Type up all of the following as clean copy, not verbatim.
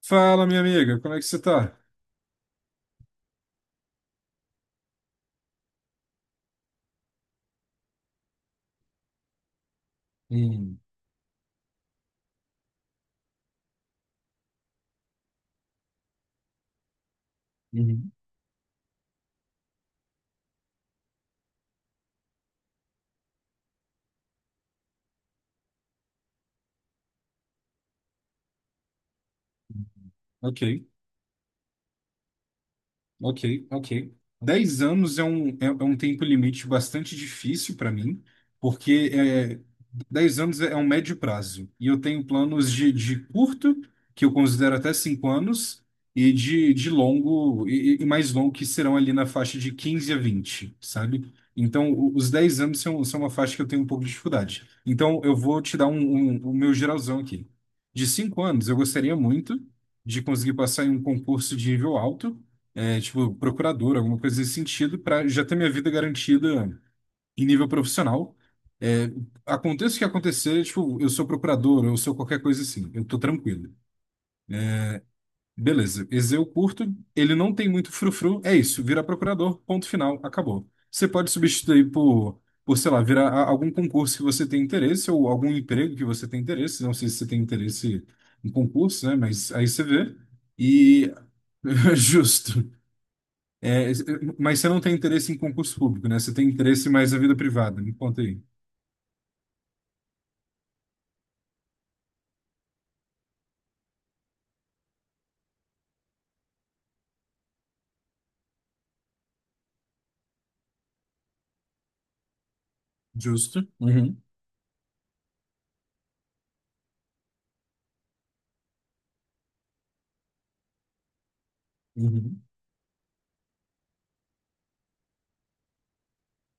Fala, minha amiga, como é que você tá? Hum, uhum. Ok. Ok, ok. 10 anos é um tempo limite bastante difícil para mim, porque 10 anos é um médio prazo. E eu tenho planos de curto, que eu considero até 5 anos, e de longo, e mais longo, que serão ali na faixa de 15 a 20, sabe? Então, os 10 anos são uma faixa que eu tenho um pouco de dificuldade. Então, eu vou te dar o meu geralzão aqui. De 5 anos, eu gostaria muito de conseguir passar em um concurso de nível alto, tipo, procurador, alguma coisa desse sentido, para já ter minha vida garantida em nível profissional. É, Aconteça o que acontecer, tipo, eu sou procurador, eu sou qualquer coisa assim, eu tô tranquilo. Beleza, esse eu curto, ele não tem muito frufru, é isso, vira procurador, ponto final, acabou. Você pode substituir por, sei lá, virar algum concurso que você tem interesse ou algum emprego que você tem interesse, não sei se você tem interesse em concurso, né, mas aí você vê. E justo. É, mas você não tem interesse em concurso público, né? Você tem interesse mais na vida privada. Me conta aí. Justo. Uhum, uhum.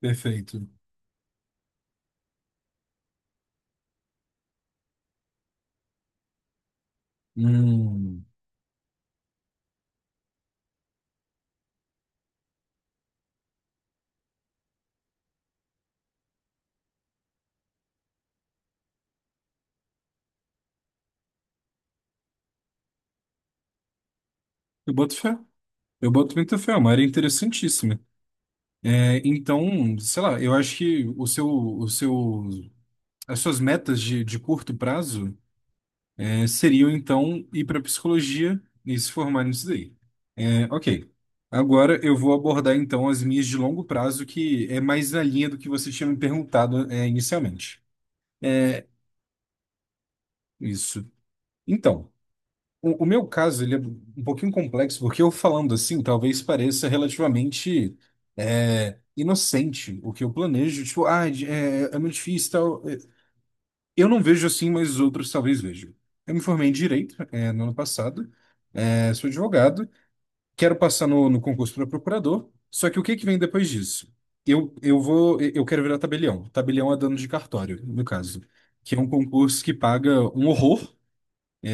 Perfeito. Hum, eu boto fé. Eu boto muita fé. É uma área interessantíssima. Então, sei lá, eu acho que o seu, as suas metas de curto prazo, seriam, então, ir para psicologia e se formar nisso daí. Ok. Agora eu vou abordar então as minhas de longo prazo, que é mais na linha do que você tinha me perguntado, inicialmente. Isso. Então, o meu caso ele é um pouquinho complexo, porque eu falando assim, talvez pareça relativamente inocente o que eu planejo. Tipo, ah, é muito difícil e tal. Eu não vejo assim, mas outros talvez vejam. Eu me formei em Direito, no ano passado, sou advogado, quero passar no concurso para procurador, só que o que que vem depois disso? Eu quero virar tabelião. Tabelião é dono de cartório, no caso, que é um concurso que paga um horror,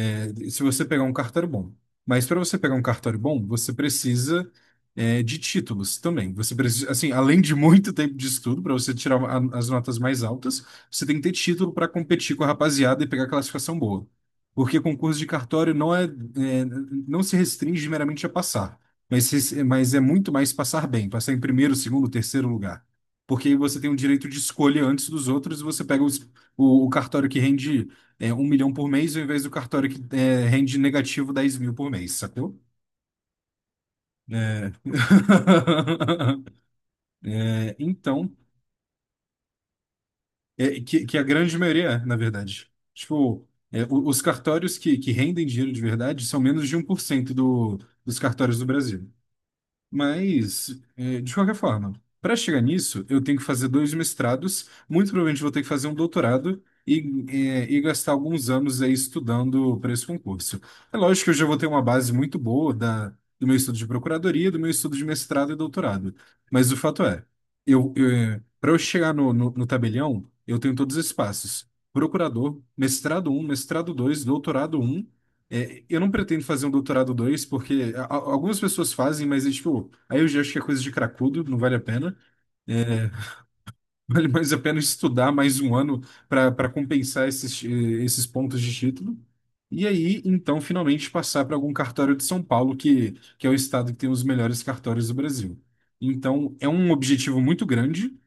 se você pegar um cartório bom. Mas para você pegar um cartório bom, você precisa, de títulos também. Você precisa, assim, além de muito tempo de estudo, para você tirar as notas mais altas, você tem que ter título para competir com a rapaziada e pegar classificação boa. Porque concurso de cartório não é, não se restringe meramente a passar, mas, mas é muito mais passar bem, passar em primeiro, segundo, terceiro lugar. Porque aí você tem um direito de escolha antes dos outros e você pega o cartório que rende, 1 milhão por mês, ao invés do cartório que, rende negativo 10 mil por mês, sacou? É. Então, que a grande maioria é, na verdade. Tipo, os cartórios que rendem dinheiro de verdade são menos de 1% dos cartórios do Brasil. Mas, de qualquer forma, para chegar nisso, eu tenho que fazer 2 mestrados, muito provavelmente vou ter que fazer um doutorado e gastar alguns anos aí estudando para esse concurso. É lógico que eu já vou ter uma base muito boa do meu estudo de procuradoria, do meu estudo de mestrado e doutorado. Mas o fato é, eu, para eu chegar no tabelião, eu tenho todos esses passos. Procurador, mestrado um, mestrado dois, doutorado um, eu não pretendo fazer um doutorado 2 porque algumas pessoas fazem, mas é tipo, aí eu já acho que é coisa de cracudo, não vale a pena. É, Vale mais a pena estudar mais um ano para compensar esses pontos de título. E aí, então, finalmente passar para algum cartório de São Paulo, que é o estado que tem os melhores cartórios do Brasil. Então, é um objetivo muito grande.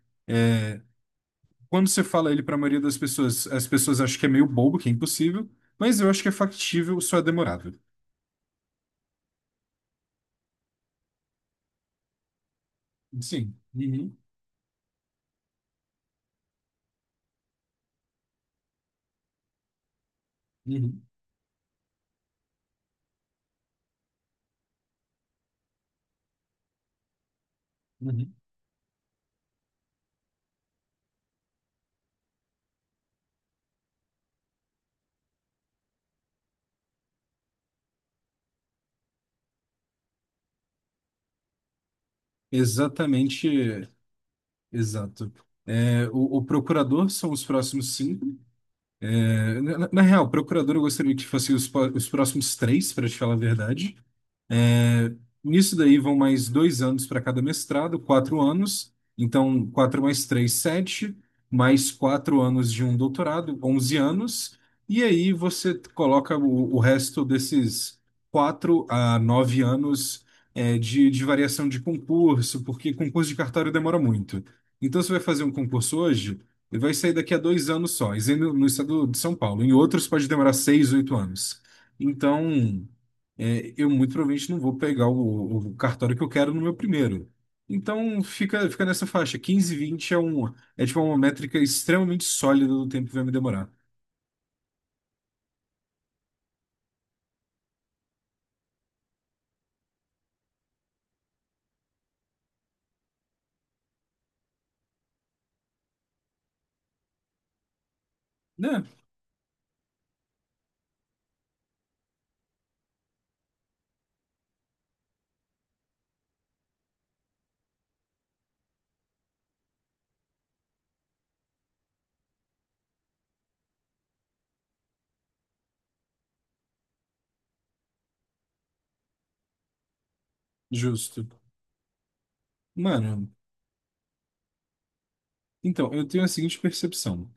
Quando você fala ele para a maioria das pessoas, as pessoas acham que é meio bobo, que é impossível, mas eu acho que é factível, só é demorado. Sim. Uhum. Uhum. Uhum. Exatamente, exato. O procurador são os próximos cinco. Na real, procurador eu gostaria que fossem os próximos três, para te falar a verdade. É, Nisso daí vão mais 2 anos para cada mestrado, 4 anos. Então, quatro mais três, sete, mais 4 anos de um doutorado, 11 anos. E aí você coloca o resto desses 4 a 9 anos, de variação de concurso, porque concurso de cartório demora muito. Então, você vai fazer um concurso hoje, ele vai sair daqui a 2 anos só, isso aí no estado de São Paulo. Em outros pode demorar 6, 8 anos. Então, eu muito provavelmente não vou pegar o cartório que eu quero no meu primeiro. Então fica nessa faixa. Quinze, vinte, é tipo uma métrica extremamente sólida do tempo que vai me demorar. Né? Justo. Mano, então, eu tenho a seguinte percepção.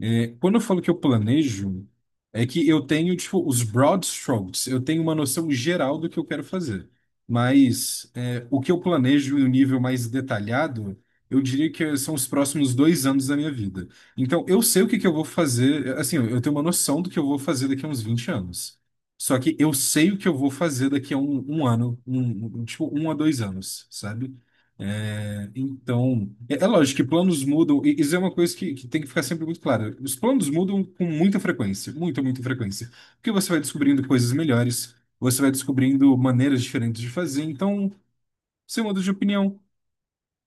Quando eu falo que eu planejo, é que eu tenho, tipo, os broad strokes, eu tenho uma noção geral do que eu quero fazer. Mas, o que eu planejo em um nível mais detalhado, eu diria que são os próximos 2 anos da minha vida. Então, eu sei o que que eu vou fazer, assim, eu tenho uma noção do que eu vou fazer daqui a uns 20 anos. Só que eu sei o que eu vou fazer daqui a um ano, tipo, um a 2 anos, sabe? Então, é lógico que planos mudam, e isso é uma coisa que tem que ficar sempre muito clara. Os planos mudam com muita frequência, muita, muita frequência. Porque você vai descobrindo coisas melhores, você vai descobrindo maneiras diferentes de fazer, então você muda de opinião.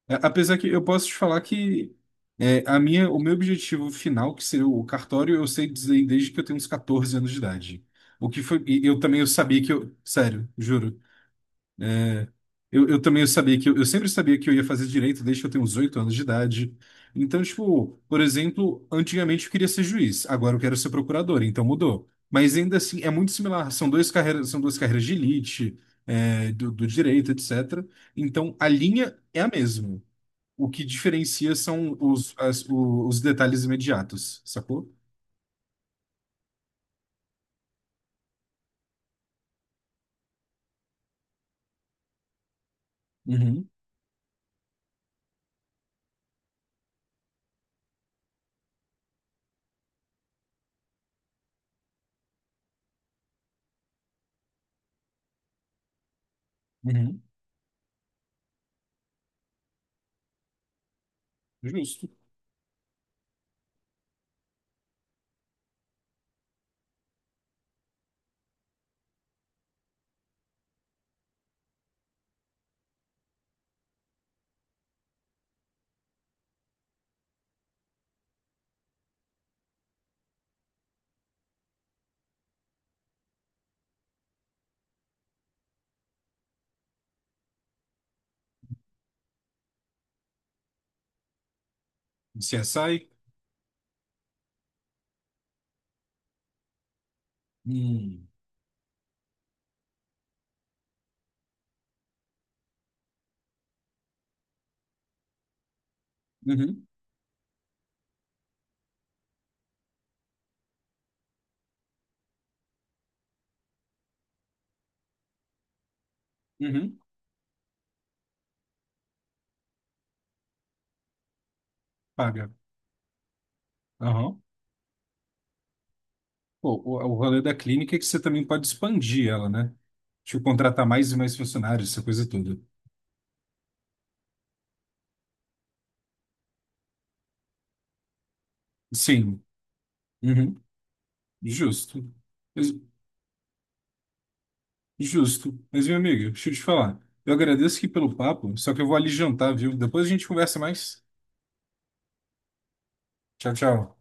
Apesar que eu posso te falar que o meu objetivo final, que seria o cartório, eu sei dizer desde que eu tenho uns 14 anos de idade. O que foi, e eu também eu sabia que eu, sério, juro, eu também sabia que eu, sempre sabia que eu ia fazer direito desde que eu tenho uns 8 anos de idade. Então, tipo, por exemplo, antigamente eu queria ser juiz, agora eu quero ser procurador, então mudou. Mas ainda assim é muito similar, são duas carreiras de elite, do direito, etc. Então a linha é a mesma. O que diferencia são os detalhes imediatos, sacou? Uhum, uhum, justo. CSI? Hum, uhum, uhum, paga. Aham. Pô, o rolê da clínica é que você também pode expandir ela, né? Tipo, contratar mais e mais funcionários, essa coisa toda. Sim, uhum, justo. Mas- Justo. Mas, meu amigo, deixa eu te falar. Eu agradeço aqui pelo papo, só que eu vou ali jantar, viu? Depois a gente conversa mais. Tchau, tchau.